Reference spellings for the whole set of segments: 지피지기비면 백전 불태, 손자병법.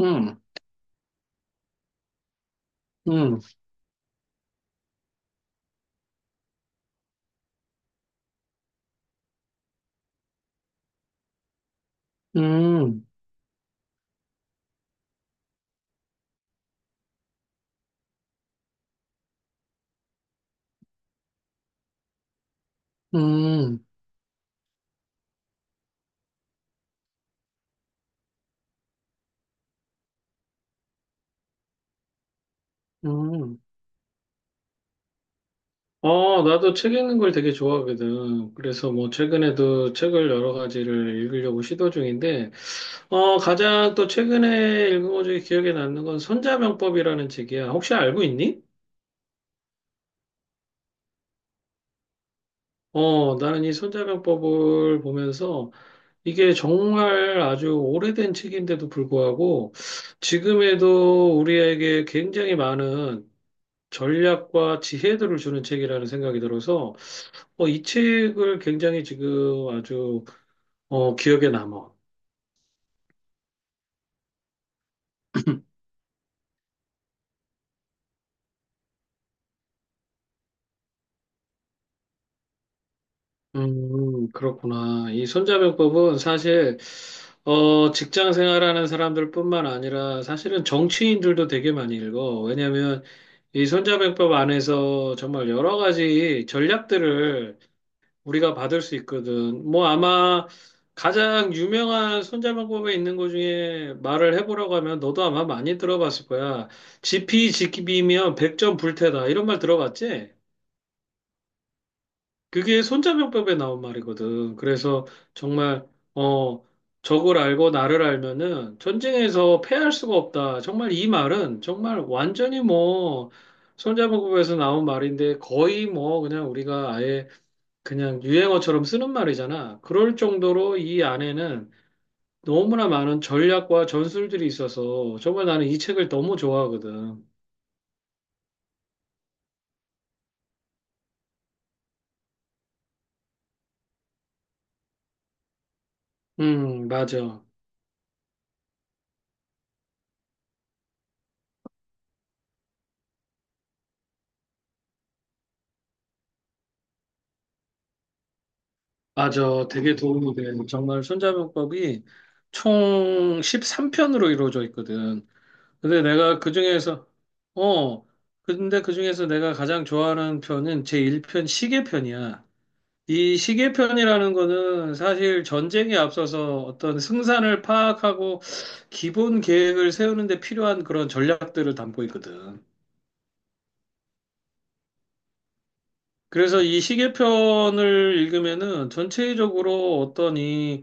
음, 음, 음, 음, 음. 어, 나도 책 읽는 걸 되게 좋아하거든. 그래서 뭐 최근에도 책을 여러 가지를 읽으려고 시도 중인데, 어, 가장 또 최근에 읽은 것 중에 기억에 남는 건 손자병법이라는 책이야. 혹시 알고 있니? 어, 나는 이 손자병법을 보면서 이게 정말 아주 오래된 책인데도 불구하고 지금에도 우리에게 굉장히 많은 전략과 지혜들을 주는 책이라는 생각이 들어서 어, 이 책을 굉장히 지금 아주 어, 기억에 남아. 그렇구나. 이 손자병법은 사실 어, 직장 생활하는 사람들뿐만 아니라 사실은 정치인들도 되게 많이 읽어. 왜냐하면 이 손자병법 안에서 정말 여러 가지 전략들을 우리가 받을 수 있거든. 뭐 아마 가장 유명한 손자방법에 있는 것 중에 말을 해보라고 하면 너도 아마 많이 들어봤을 거야. 지피지기비면 백전 불태다. 이런 말 들어봤지? 그게 손자병법에 나온 말이거든. 그래서 정말, 어, 적을 알고 나를 알면은 전쟁에서 패할 수가 없다. 정말 이 말은 정말 완전히 뭐 손자병법에서 나온 말인데 거의 뭐 그냥 우리가 아예 그냥 유행어처럼 쓰는 말이잖아. 그럴 정도로 이 안에는 너무나 많은 전략과 전술들이 있어서 정말 나는 이 책을 너무 좋아하거든. 맞아. 맞아. 되게 도움이 돼. 정말 손자병법이 총 13편으로 이루어져 있거든. 근데 내가 그중에서, 어, 근데 그중에서 내가 가장 좋아하는 편은 제1편 시계편이야. 이 시계편이라는 거는 사실 전쟁에 앞서서 어떤 승산을 파악하고 기본 계획을 세우는 데 필요한 그런 전략들을 담고 있거든. 그래서 이 시계편을 읽으면은 전체적으로 어떤 이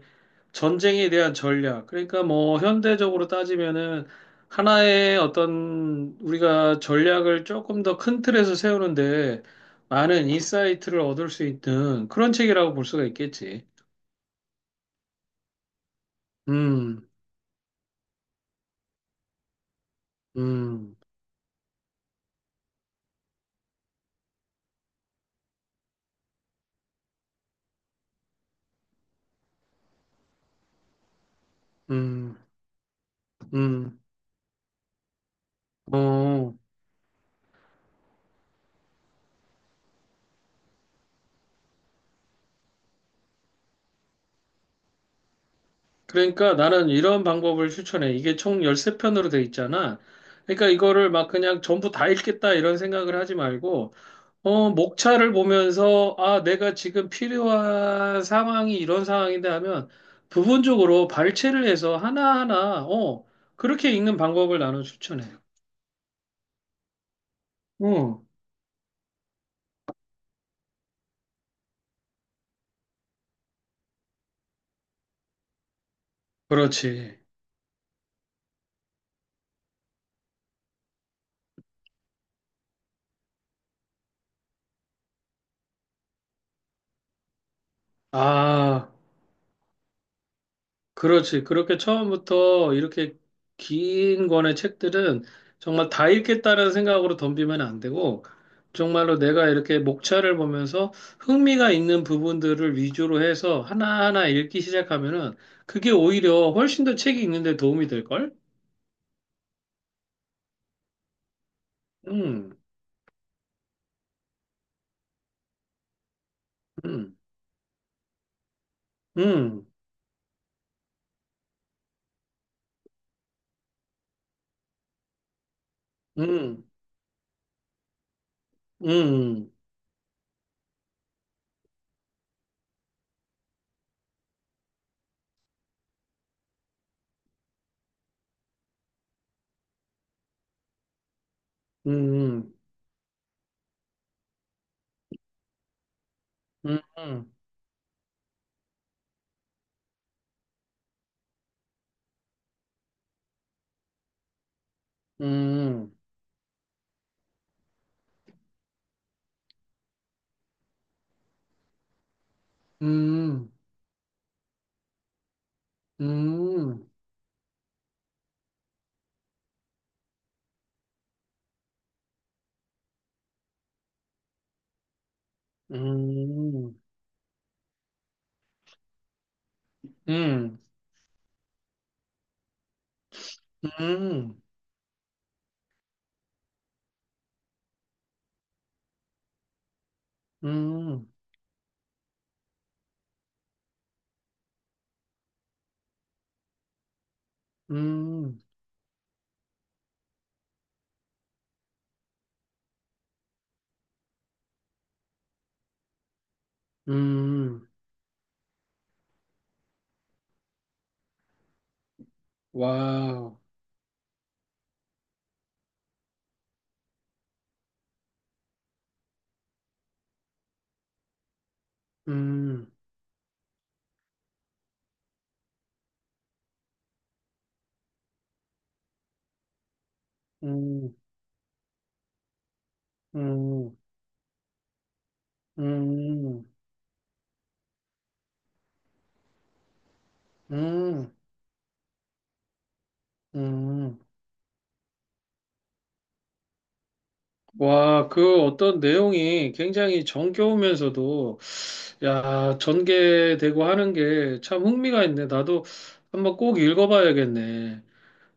전쟁에 대한 전략, 그러니까 뭐 현대적으로 따지면은 하나의 어떤 우리가 전략을 조금 더 큰 틀에서 세우는데 많은 인사이트를 얻을 수 있는 그런 책이라고 볼 수가 있겠지. 음, 음. 음, 음, 어. 그러니까 나는 이런 방법을 추천해. 이게 총 13편으로 돼 있잖아. 그러니까 이거를 막 그냥 전부 다 읽겠다 이런 생각을 하지 말고, 어, 목차를 보면서, 아, 내가 지금 필요한 상황이 이런 상황인데 하면 부분적으로 발췌를 해서 하나하나, 어, 그렇게 읽는 방법을 나는 추천해. 어, 그렇지. 아. 그렇지. 그렇게 처음부터 이렇게 긴 권의 책들은 정말 다 읽겠다는 생각으로 덤비면 안 되고, 정말로 내가 이렇게 목차를 보면서 흥미가 있는 부분들을 위주로 해서 하나하나 읽기 시작하면은 그게 오히려 훨씬 더 책이 읽는데 도움이 될걸? 음, 음, 음, 음, 음, 음, 음, 음, 음, 음, 음, 음, 음, 음. 음. 음, 음, 와우, 음, 음, 음, 음, 음, 음. 와, 그 어떤 내용이 굉장히 정겨우면서도, 야, 전개되고 하는 게 참 흥미가 있네. 나도 한번 꼭 읽어봐야겠네.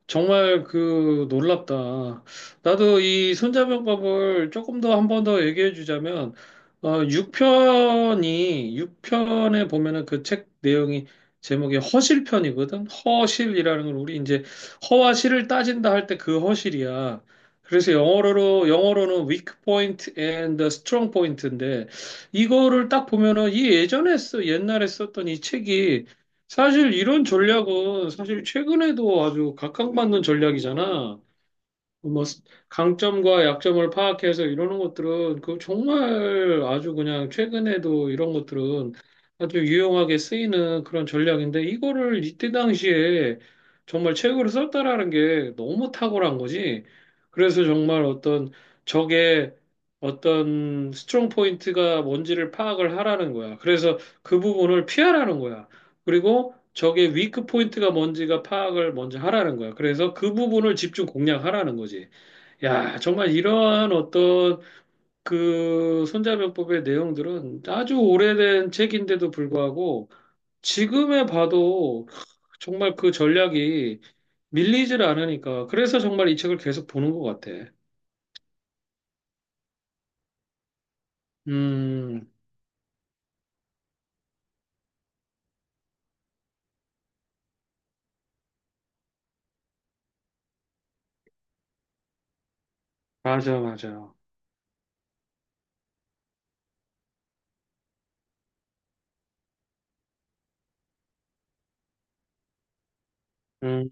정말 그 놀랍다. 나도 이 손자병법을 조금 더 한 번 더 얘기해 주자면, 어, 6편이, 육편에 보면은 그 책 내용이 제목이 허실편이거든? 허실이라는 걸 우리 이제 허와 실을 따진다 할 때 그 허실이야. 그래서 영어로는 weak point and strong point인데, 이거를 딱 보면은 옛날에 썼던 이 책이 사실 이런 전략은 사실 최근에도 아주 각광받는 전략이잖아. 뭐 스- 강점과 약점을 파악해서 이러는 것들은 그 정말 아주 그냥 최근에도 이런 것들은 아주 유용하게 쓰이는 그런 전략인데 이거를 이때 당시에 정말 최고로 썼다라는 게 너무 탁월한 거지. 그래서 정말 어떤 적의 어떤 스트롱 포인트가 뭔지를 파악을 하라는 거야. 그래서 그 부분을 피하라는 거야. 그리고 적의 위크 포인트가 뭔지가 파악을 먼저 하라는 거야. 그래서 그 부분을 집중 공략하라는 거지. 야, 정말 이러한 어떤 그 손자병법의 내용들은 아주 오래된 책인데도 불구하고 지금에 봐도 정말 그 전략이 밀리질 않으니까. 그래서 정말 이 책을 계속 보는 것 같아. 음, 맞아, 맞아. 음,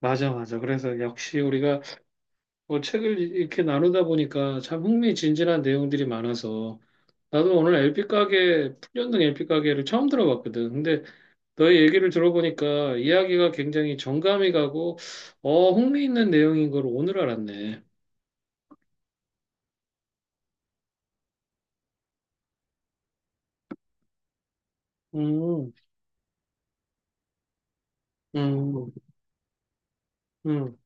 맞아, 맞아. 그래서 역시 우리가 뭐 책을 이렇게 나누다 보니까 참 흥미진진한 내용들이 많아서 나도 오늘 LP 가게, 풍년등 LP 가게를 처음 들어봤거든. 근데 너의 얘기를 들어보니까 이야기가 굉장히 정감이 가고, 어, 흥미 있는 내용인 걸 오늘 알았네. 음, 음, 음,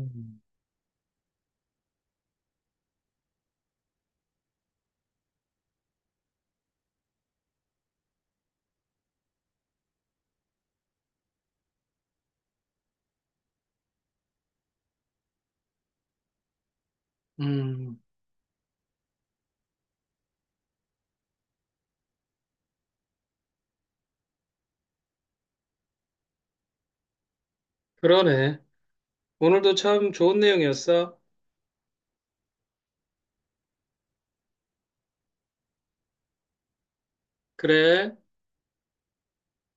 음. 음. 그러네. 오늘도 참 좋은 내용이었어. 그래.